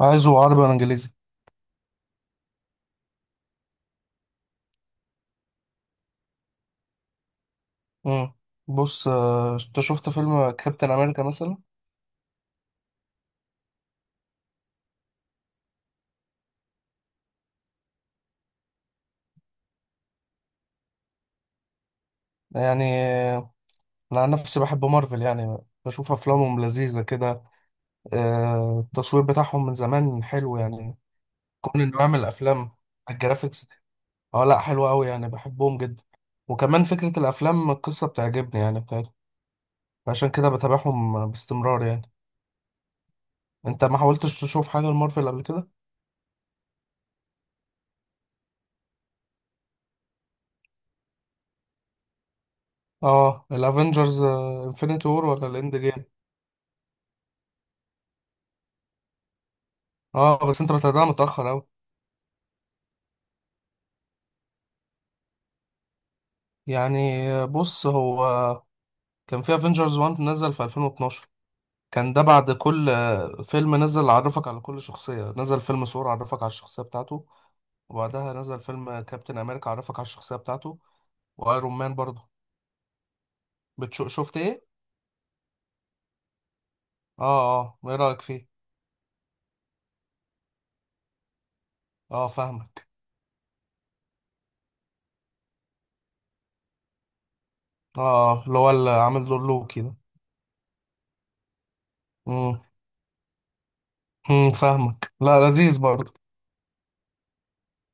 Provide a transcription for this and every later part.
عايزه عربي ولا انجليزي؟ امم بص، انت شفت فيلم كابتن امريكا مثلا؟ يعني آه، انا عن نفسي بحب مارفل يعني. بشوف افلامهم لذيذه كده. التصوير بتاعهم من زمان حلو يعني. كون انه يعمل افلام، الجرافيكس، اه لا حلو قوي يعني، بحبهم جدا. وكمان فكره الافلام، القصه بتعجبني يعني بتاعتهم. عشان كده بتابعهم باستمرار يعني. انت ما حاولتش تشوف حاجه لمارفل قبل كده؟ اه، الافنجرز انفينيتي وور ولا الاند جيم؟ اه بس انت بتابعها متاخر قوي. يعني بص هو كان في افنجرز 1 نزل في 2012. كان ده بعد كل فيلم نزل عرفك على كل شخصية. نزل فيلم ثور عرفك على الشخصية بتاعته، وبعدها نزل فيلم كابتن امريكا عرفك على الشخصية بتاعته، وايرون مان برضه. شفت ايه؟ اه اه، ايه رأيك فيه؟ اه فاهمك. اه، اللي هو اللي عامل دور لوكي ده. امم فاهمك. لا لذيذ برضه.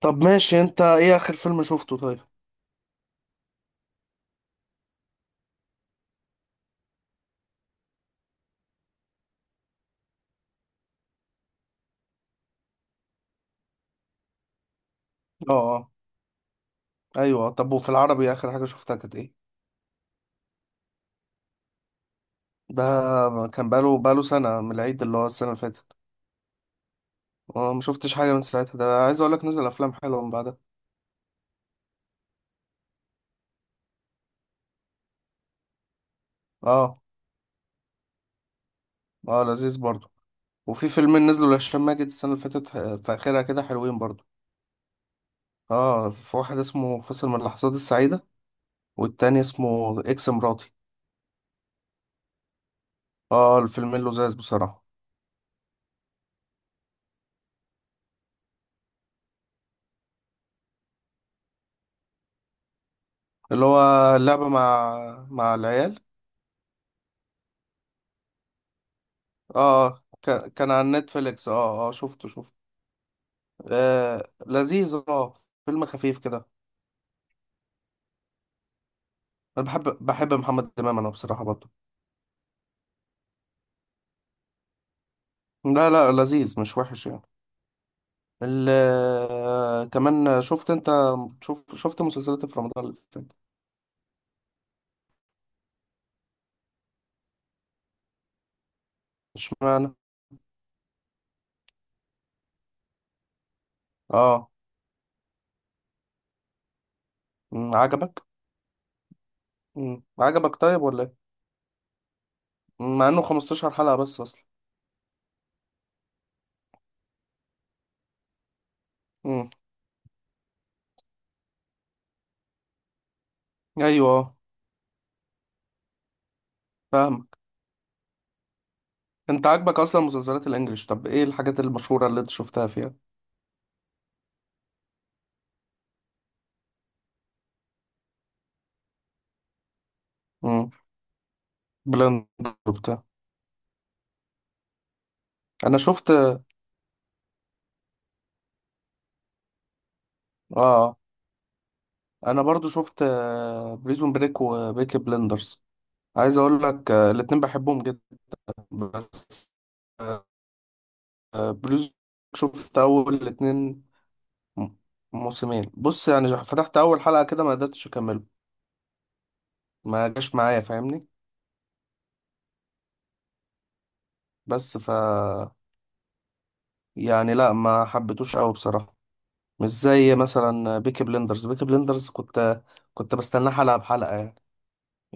طب ماشي، انت ايه اخر فيلم شفته طيب؟ اه اه. ايوه، طب وفي العربي اخر حاجة شفتها كانت ايه؟ ده كان بقاله سنة من العيد، اللي هو السنة اللي فاتت. اه ما شفتش حاجة من ساعتها. ده عايز اقول لك نزل افلام حلوة من بعدها. اه. اه لذيذ برضه. وفي فيلمين نزلوا لهشام ماجد السنة اللي فاتت، في اخرها كده، حلوين برضه. اه، في واحد اسمه فاصل من اللحظات السعيدة والتاني اسمه اكس مراتي. اه، الفيلمين لذاذ بصراحة. اللي هو اللعبة مع العيال. اه، كان على نتفليكس. اه اه شفته. آه لذيذ اه. فيلم خفيف كده. انا بحب محمد امام انا بصراحه برضه. لا لا، لذيذ مش وحش يعني. ال آه، كمان شفت انت، شفت مسلسلات في رمضان اللي فات؟ اشمعنى؟ اه. عجبك؟ عجبك طيب ولا ايه؟ مع انه 15 حلقه بس اصلا. أمم. ايوه، فاهمك. انت عاجبك اصلا مسلسلات الانجليش؟ طب ايه الحاجات المشهوره اللي انت شفتها فيها؟ أمم. بلاند وبتاع. انا شفت اه. آه. انا برضو شفت بريزون بريك وبيكي بلندرز. عايز اقول لك الاتنين بحبهم جدا بس. بلوز. شفت اول الاتنين. م- موسمين. بص يعني، فتحت اول حلقة كده ما قدرتش اكمله. ما جاش معايا فاهمني. بس ف يعني لا، ما حبيتوش قوي بصراحة. مش زي مثلا بيكي بلندرز. بيكي بلندرز كنت بستناه حلقة بحلقة يعني.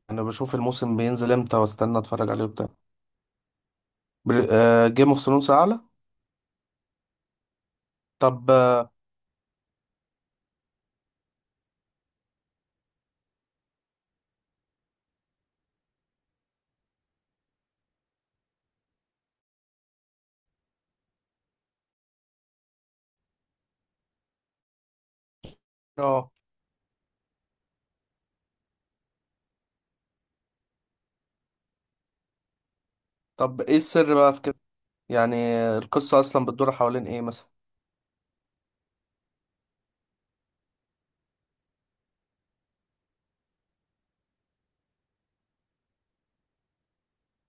يعني بشوف الموسم بينزل امتى واستنى اتفرج عليه وبتاع. جيم اوف ثرونز اعلى. طب اه آه، طب ايه السر بقى في كده؟ يعني القصة أصلا بتدور حوالين إيه مثلا؟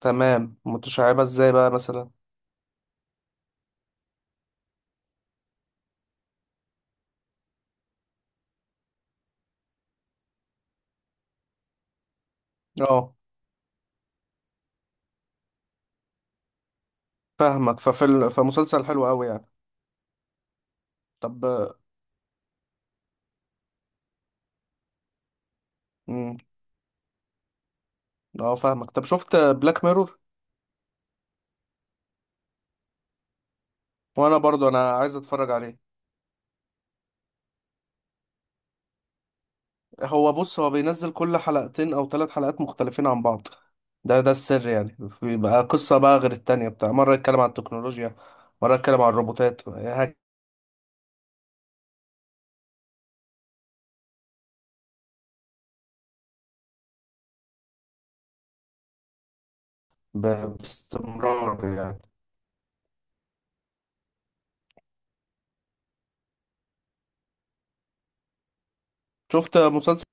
تمام، متشعبة إزاي بقى مثلا؟ اه فاهمك. فمسلسل حلو أوي يعني. طب. مم. اه فاهمك. طب شفت بلاك ميرور؟ وأنا برضو عايز أتفرج عليه. هو بص بينزل كل حلقتين أو 3 حلقات مختلفين عن بعض. ده السر يعني. بيبقى قصة بقى غير التانية بتاع. مرة يتكلم عن التكنولوجيا، مرة يتكلم عن الروبوتات باستمرار يعني. شفت مسلسل.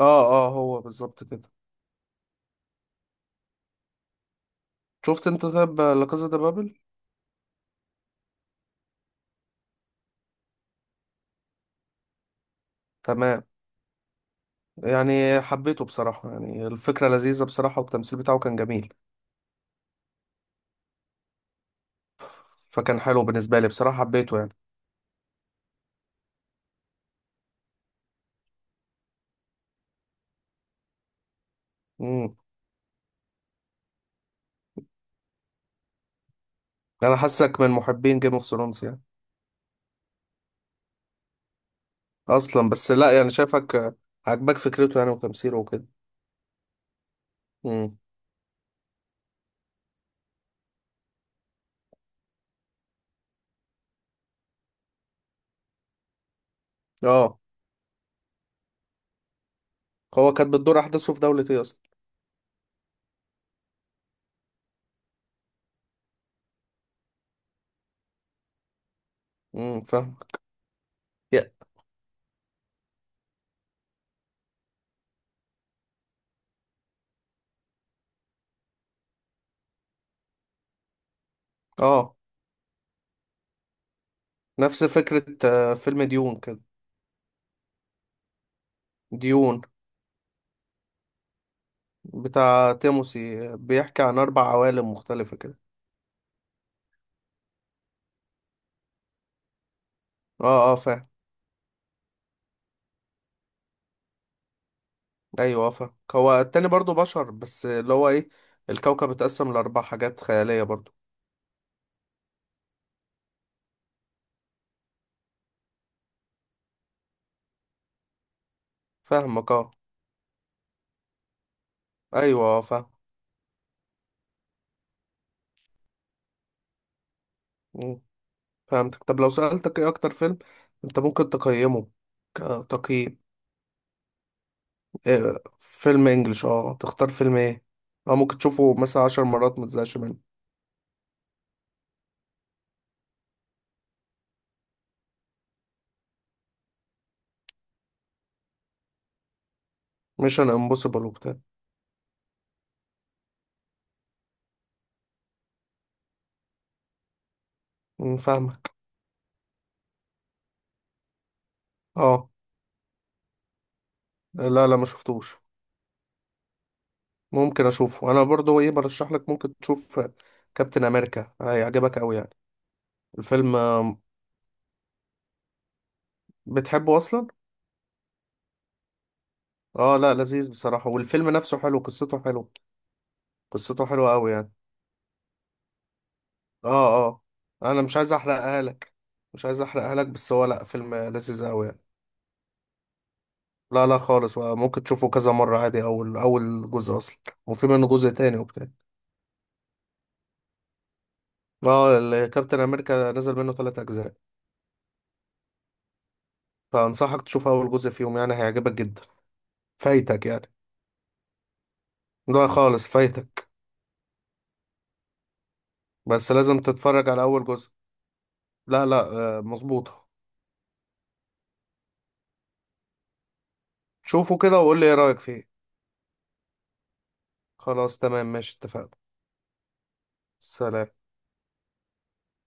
اه اه، هو بالظبط كده. شفت انت طيب لا كازا دي بابل؟ تمام. يعني حبيته بصراحة، يعني الفكرة لذيذة بصراحة، والتمثيل بتاعه كان جميل. فكان حلو بالنسبة لي بصراحة، حبيته يعني. امم انا حاسك من محبين جيم اوف ثرونز يعني اصلا. بس لا يعني شايفك عاجبك فكرته يعني وتمثيله وكده. امم اه. هو كانت بتدور احداثه في دولة ايه اصلا؟ فاهمك. يا- اه، نفس فكرة فيلم ديون كده. ديون، بتاع تيموسي، بيحكي عن 4 عوالم مختلفة كده. اه اه فاهم. ايوه، فاهم. هو التاني برضو بشر بس اللي هو ايه، الكوكب اتقسم لاربع حاجات خيالية برضو. فاهمك اه. ايوه، فاهم. مم، فهمتك. طب لو سألتك ايه اكتر فيلم انت ممكن تقيمه كتقييم؟ إيه فيلم انجلش اه تختار فيلم ايه اه ممكن تشوفه مثلا 10 مرات ما تزهقش منه؟ ميشن امبوسيبل وبتاع؟ مم، فاهمك. اه. لا لا، ما شفتوش. ممكن اشوفه انا برضو. ايه برشح لك ممكن تشوف؟ كابتن امريكا، هيعجبك قوي يعني. الفيلم بتحبه اصلا. اه لا لذيذ بصراحة، والفيلم نفسه حلو، قصته حلو، قصته حلوة قوي يعني. اه اه. انا مش عايز احرقها لك، مش عايز احرقها لك، بس هو لا، فيلم لذيذ قوي يعني. لا لا خالص، ممكن تشوفه كذا مرة عادي. اول جزء اصلا، وفي منه جزء تاني وبتاع. اه كابتن امريكا نزل منه 3 اجزاء. فانصحك تشوف اول جزء فيهم يعني، هيعجبك جدا. فايتك يعني. لا خالص فايتك. بس لازم تتفرج على اول جزء. لا لا. مظبوطة. شوفه كده وقول لي ايه رأيك فيه. خلاص تمام ماشي، اتفقنا. سلام.